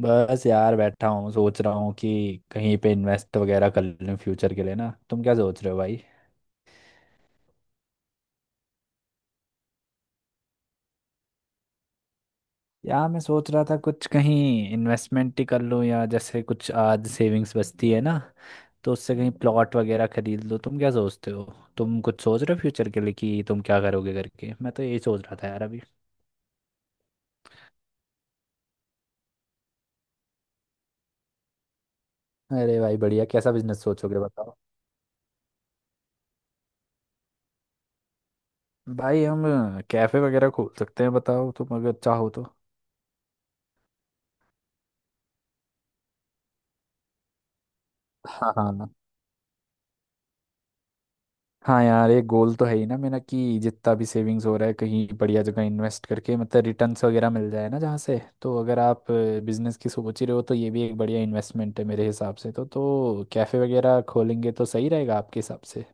बस यार बैठा हूँ सोच रहा हूँ कि कहीं पे इन्वेस्ट वगैरह कर लूँ फ्यूचर के लिए ना। तुम क्या सोच रहे हो भाई? यार मैं सोच रहा था कुछ कहीं इन्वेस्टमेंट ही कर लूँ, या जैसे कुछ आज सेविंग्स बचती है ना तो उससे कहीं प्लॉट वगैरह खरीद लो। तुम क्या सोचते हो? तुम कुछ सोच रहे हो फ्यूचर के लिए कि तुम क्या करोगे करके? मैं तो यही सोच रहा था यार अभी। अरे भाई बढ़िया, कैसा बिजनेस सोचोगे बताओ। भाई हम कैफे वगैरह खोल सकते हैं, बताओ तुम अगर चाहो तो। हाँ हाँ। हाँ यार, एक गोल तो है ही ना मेरा कि जितना भी सेविंग्स हो रहा है कहीं बढ़िया जगह इन्वेस्ट करके मतलब रिटर्न्स वगैरह मिल जाए ना जहाँ से। तो अगर आप बिजनेस की सोच रहे हो तो ये भी एक बढ़िया इन्वेस्टमेंट है मेरे हिसाब से तो कैफ़े वगैरह खोलेंगे तो सही रहेगा आपके हिसाब से?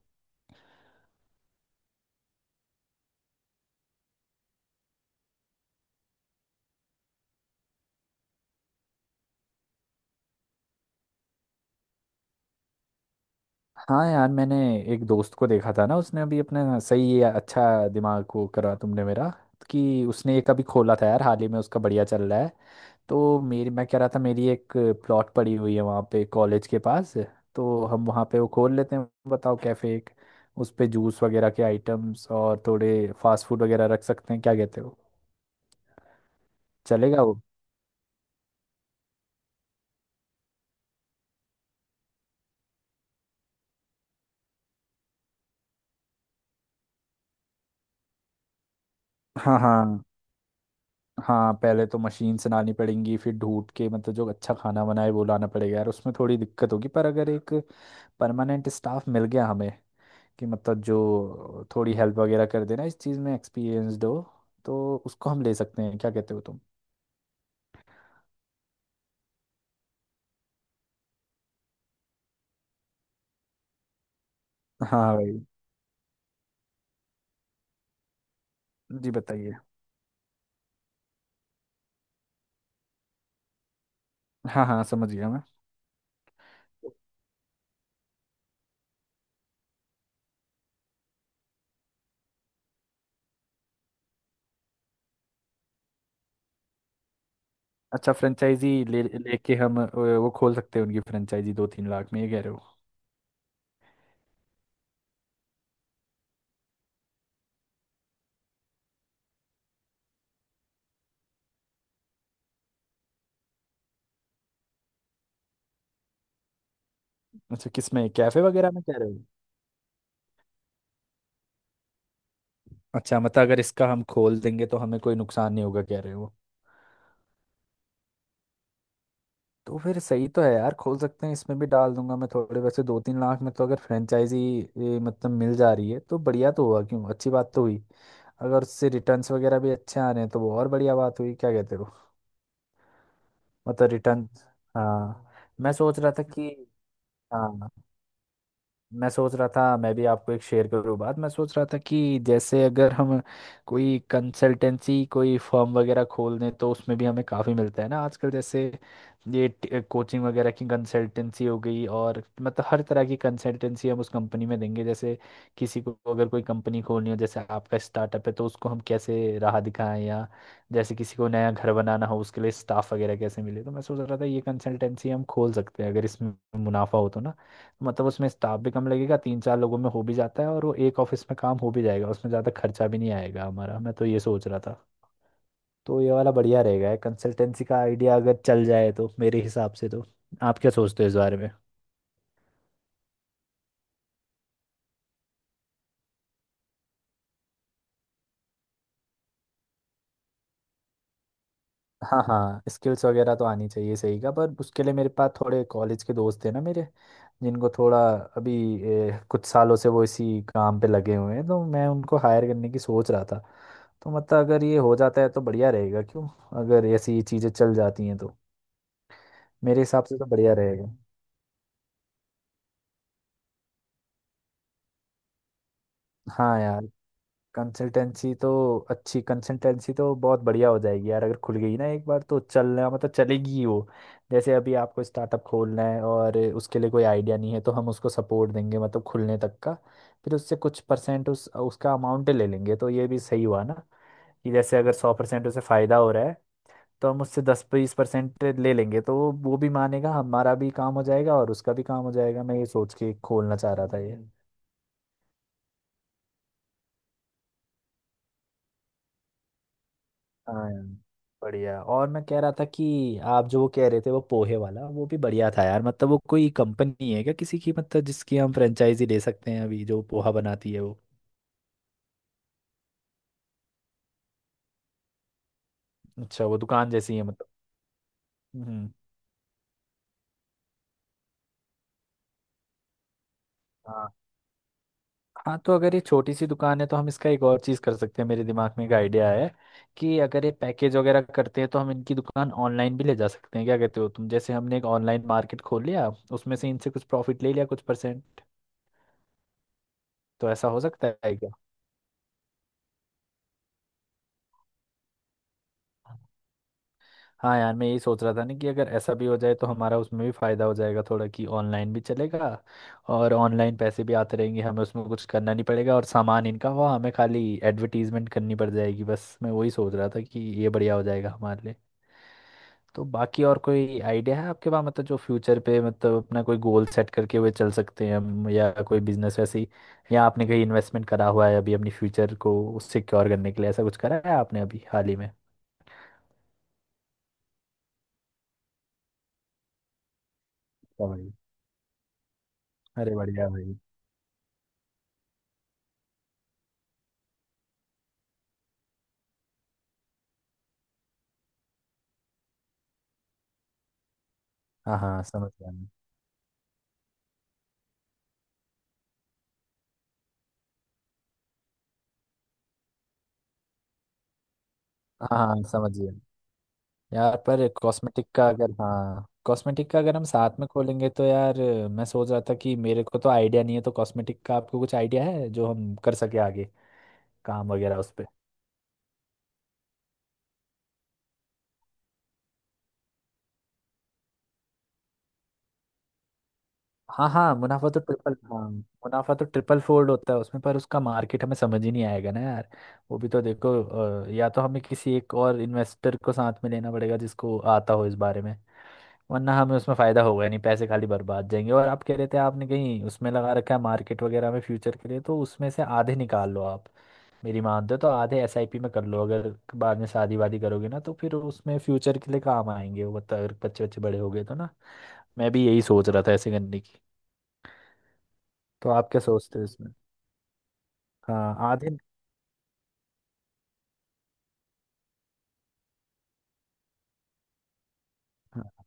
हाँ यार, मैंने एक दोस्त को देखा था ना, उसने अभी अपना सही ये, अच्छा दिमाग को करा तुमने मेरा, कि उसने एक अभी खोला था यार हाल ही में, उसका बढ़िया चल रहा है। तो मेरी, मैं कह रहा था, मेरी एक प्लॉट पड़ी हुई है वहाँ पे कॉलेज के पास। तो हम वहाँ पे वो खोल लेते हैं, बताओ कैफे एक। उस पे जूस वगैरह के आइटम्स और थोड़े फास्ट फूड वगैरह रख सकते हैं, क्या कहते हो? चलेगा वो? हाँ हाँ। हाँ पहले तो मशीन से लानी पड़ेंगी, फिर ढूंढ के मतलब जो अच्छा खाना बनाए वो लाना पड़ेगा यार, उसमें थोड़ी दिक्कत होगी। पर अगर एक परमानेंट स्टाफ मिल गया हमें कि मतलब जो थोड़ी हेल्प वगैरह कर देना, इस चीज़ में एक्सपीरियंसड हो, तो उसको हम ले सकते हैं। क्या कहते हो तुम? हाँ भाई। जी बताइए। हाँ हाँ, समझ गया मैं। अच्छा फ्रेंचाइजी ले लेके हम वो खोल सकते हैं उनकी फ्रेंचाइजी, 2-3 लाख में, ये कह रहे हो? अच्छा किसमें? कैफे वगैरह में कह रहे हो? अच्छा मतलब अगर इसका हम खोल देंगे तो हमें कोई नुकसान नहीं होगा, कह रहे हो? तो फिर सही तो है यार, खोल सकते हैं। इसमें भी डाल दूंगा मैं थोड़े, वैसे 2-3 लाख में तो अगर फ्रेंचाइजी ये मतलब मिल जा रही है तो बढ़िया तो हुआ क्यों, अच्छी बात तो हुई। अगर उससे रिटर्न्स वगैरह भी अच्छे आ रहे हैं तो वो और बढ़िया बात हुई, क्या कहते हो? मतलब रिटर्न। हाँ। मैं सोच रहा था कि, हाँ, मैं सोच रहा था मैं भी आपको एक शेयर करूँ बात। मैं सोच रहा था कि जैसे अगर हम कोई कंसल्टेंसी कोई फर्म वगैरह खोल दें तो उसमें भी हमें काफ़ी मिलता है ना आजकल। जैसे ये कोचिंग वगैरह की कंसल्टेंसी हो गई, और मतलब हर तरह की कंसल्टेंसी हम उस कंपनी में देंगे। जैसे किसी को अगर कोई कंपनी खोलनी हो, जैसे आपका स्टार्टअप है, तो उसको हम कैसे राह दिखाएं। या जैसे किसी को नया घर बनाना हो उसके लिए स्टाफ वगैरह कैसे मिले। तो मैं सोच रहा था ये कंसल्टेंसी हम खोल सकते हैं, अगर इसमें मुनाफा हो तो ना। मतलब उसमें स्टाफ भी कम लगेगा, 3-4 लोगों में हो भी जाता है, और वो एक ऑफिस में काम हो भी जाएगा, उसमें ज़्यादा खर्चा भी नहीं आएगा हमारा। मैं तो ये सोच रहा था। तो ये वाला बढ़िया रहेगा कंसल्टेंसी का आइडिया, अगर चल जाए तो मेरे हिसाब से तो। आप क्या सोचते हो इस बारे में? हाँ हाँ, स्किल्स वगैरह तो आनी चाहिए सही का। पर उसके लिए मेरे पास थोड़े कॉलेज के दोस्त हैं ना मेरे, जिनको थोड़ा अभी कुछ सालों से वो इसी काम पे लगे हुए हैं, तो मैं उनको हायर करने की सोच रहा था। तो मतलब अगर ये हो जाता है तो बढ़िया रहेगा क्यों, अगर ऐसी चीज़ें चल जाती हैं तो। मेरे हिसाब से तो बढ़िया रहेगा। हाँ यार, कंसल्टेंसी तो, अच्छी कंसल्टेंसी तो बहुत बढ़िया हो जाएगी यार अगर खुल गई ना एक बार तो, चलना मतलब चलेगी ही वो। जैसे अभी आपको स्टार्टअप खोलना है और उसके लिए कोई आइडिया नहीं है, तो हम उसको सपोर्ट देंगे मतलब खुलने तक का। फिर उससे कुछ परसेंट उस उसका अमाउंट ले लेंगे, तो ये भी सही हुआ ना। कि जैसे अगर 100% उसे फ़ायदा हो रहा है तो हम उससे 10-20% ले लेंगे, तो वो भी मानेगा, हमारा भी काम हो जाएगा और उसका भी काम हो जाएगा। मैं ये सोच के खोलना चाह रहा था ये। हाँ यार, बढ़िया। और मैं कह रहा था कि आप जो वो कह रहे थे वो पोहे वाला, वो भी बढ़िया था यार। मतलब वो कोई कंपनी है क्या किसी की, मतलब जिसकी हम फ्रेंचाइजी ले सकते हैं, अभी जो पोहा बनाती है वो? अच्छा वो दुकान जैसी है मतलब। हम्म। हाँ हाँ, तो अगर ये छोटी सी दुकान है तो हम इसका एक और चीज़ कर सकते हैं, मेरे दिमाग में एक आइडिया है। कि अगर ये पैकेज वगैरह करते हैं तो हम इनकी दुकान ऑनलाइन भी ले जा सकते हैं। क्या कहते हो तुम? जैसे हमने एक ऑनलाइन मार्केट खोल लिया, उसमें से इनसे कुछ प्रॉफिट ले लिया कुछ परसेंट। तो ऐसा हो सकता है क्या? हाँ यार, मैं यही सोच रहा था ना कि अगर ऐसा भी हो जाए तो हमारा उसमें भी फ़ायदा हो जाएगा थोड़ा, कि ऑनलाइन भी चलेगा और ऑनलाइन पैसे भी आते रहेंगे हमें, उसमें कुछ करना नहीं पड़ेगा और सामान इनका हुआ, हमें खाली एडवर्टीजमेंट करनी पड़ जाएगी बस। मैं वही सोच रहा था कि ये बढ़िया हो जाएगा हमारे लिए। तो बाकी और कोई आइडिया है आपके पास मतलब, जो फ्यूचर पे मतलब अपना कोई गोल सेट करके हुए चल सकते हैं हम, या कोई बिजनेस वैसे ही, या आपने कहीं इन्वेस्टमेंट करा हुआ है अभी अपनी फ्यूचर को सिक्योर करने के लिए? ऐसा कुछ करा है आपने अभी हाल ही में? अच्छा भाई। अरे बढ़िया भाई। हाँ हाँ समझ गया मैं। हाँ हाँ हाँ, समझ गया। यार पर कॉस्मेटिक का अगर, हाँ कॉस्मेटिक का अगर हम साथ में खोलेंगे तो यार, मैं सोच रहा था कि मेरे को तो आइडिया नहीं है, तो कॉस्मेटिक का आपको कुछ आइडिया है जो हम कर सके आगे काम वगैरह उस पे? हाँ हाँ मुनाफा तो ट्रिपल, हाँ मुनाफा तो ट्रिपल फोल्ड होता है उसमें, पर उसका मार्केट हमें समझ ही नहीं आएगा ना यार। वो भी तो देखो या तो हमें किसी एक और इन्वेस्टर को साथ में लेना पड़ेगा जिसको आता हो इस बारे में, वरना हमें उसमें फायदा होगा नहीं, पैसे खाली बर्बाद जाएंगे। और आप कह रहे थे आपने कहीं उसमें लगा रखा है मार्केट वगैरह में फ्यूचर के लिए, तो उसमें से आधे निकाल लो आप। मेरी मान दो तो आधे एसआईपी में कर लो, अगर बाद में शादी वादी करोगे ना तो फिर उसमें फ्यूचर के लिए काम आएंगे वो, अगर बच्चे बच्चे बड़े हो गए तो ना। मैं भी यही सोच रहा था ऐसे करने की। तो आप क्या सोचते हो इसमें? हाँ आधे। हाँ।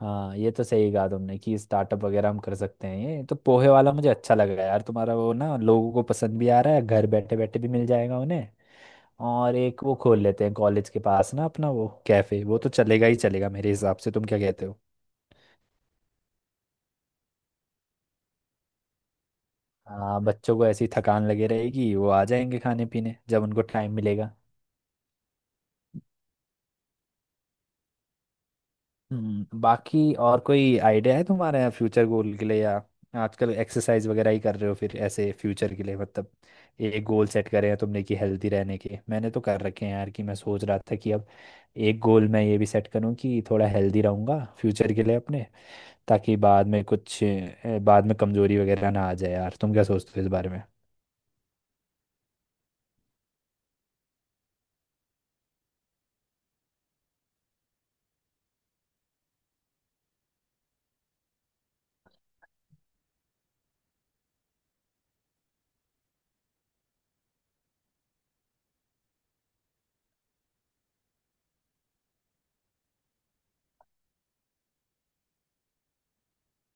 हाँ ये तो सही कहा तुमने कि स्टार्टअप वगैरह हम कर सकते हैं। ये तो पोहे वाला मुझे अच्छा लगा यार तुम्हारा वो ना, लोगों को पसंद भी आ रहा है, घर बैठे बैठे भी मिल जाएगा उन्हें। और एक वो खोल लेते हैं कॉलेज के पास ना अपना वो कैफे, वो तो चलेगा ही चलेगा मेरे हिसाब से। तुम क्या कहते हो? हाँ बच्चों को ऐसी थकान लगे रहेगी, वो आ जाएंगे खाने पीने जब उनको टाइम मिलेगा। बाकी और कोई आइडिया है तुम्हारे फ्यूचर गोल के लिए? या आजकल एक्सरसाइज वगैरह ही कर रहे हो फिर ऐसे फ्यूचर के लिए मतलब, एक गोल सेट करे हैं तुमने कि हेल्दी रहने के? मैंने तो कर रखे हैं यार, कि मैं सोच रहा था कि अब एक गोल मैं ये भी सेट करूं कि थोड़ा हेल्दी रहूंगा फ्यूचर के लिए अपने, ताकि बाद में कुछ बाद में कमजोरी वगैरह ना आ जाए यार। तुम क्या सोचते हो इस बारे में?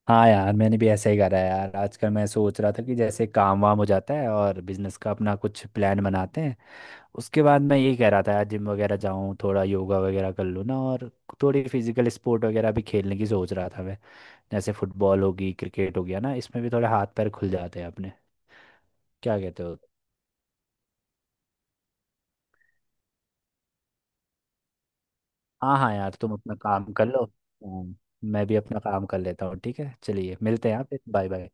हाँ यार, मैंने भी ऐसा ही करा है यार आजकल। मैं सोच रहा था कि जैसे काम वाम हो जाता है और बिजनेस का अपना कुछ प्लान बनाते हैं उसके बाद, मैं यही कह रहा था यार जिम वगैरह जाऊँ थोड़ा, योगा वगैरह कर लूँ ना, और थोड़ी फिजिकल स्पोर्ट वगैरह भी खेलने की सोच रहा था मैं। जैसे फुटबॉल होगी, क्रिकेट हो गया ना, इसमें भी थोड़े हाथ पैर खुल जाते हैं अपने। क्या कहते हो? हाँ हाँ यार तुम अपना काम कर लो, हाँ, मैं भी अपना काम कर लेता हूँ। ठीक है, चलिए मिलते हैं, आप बाय बाय।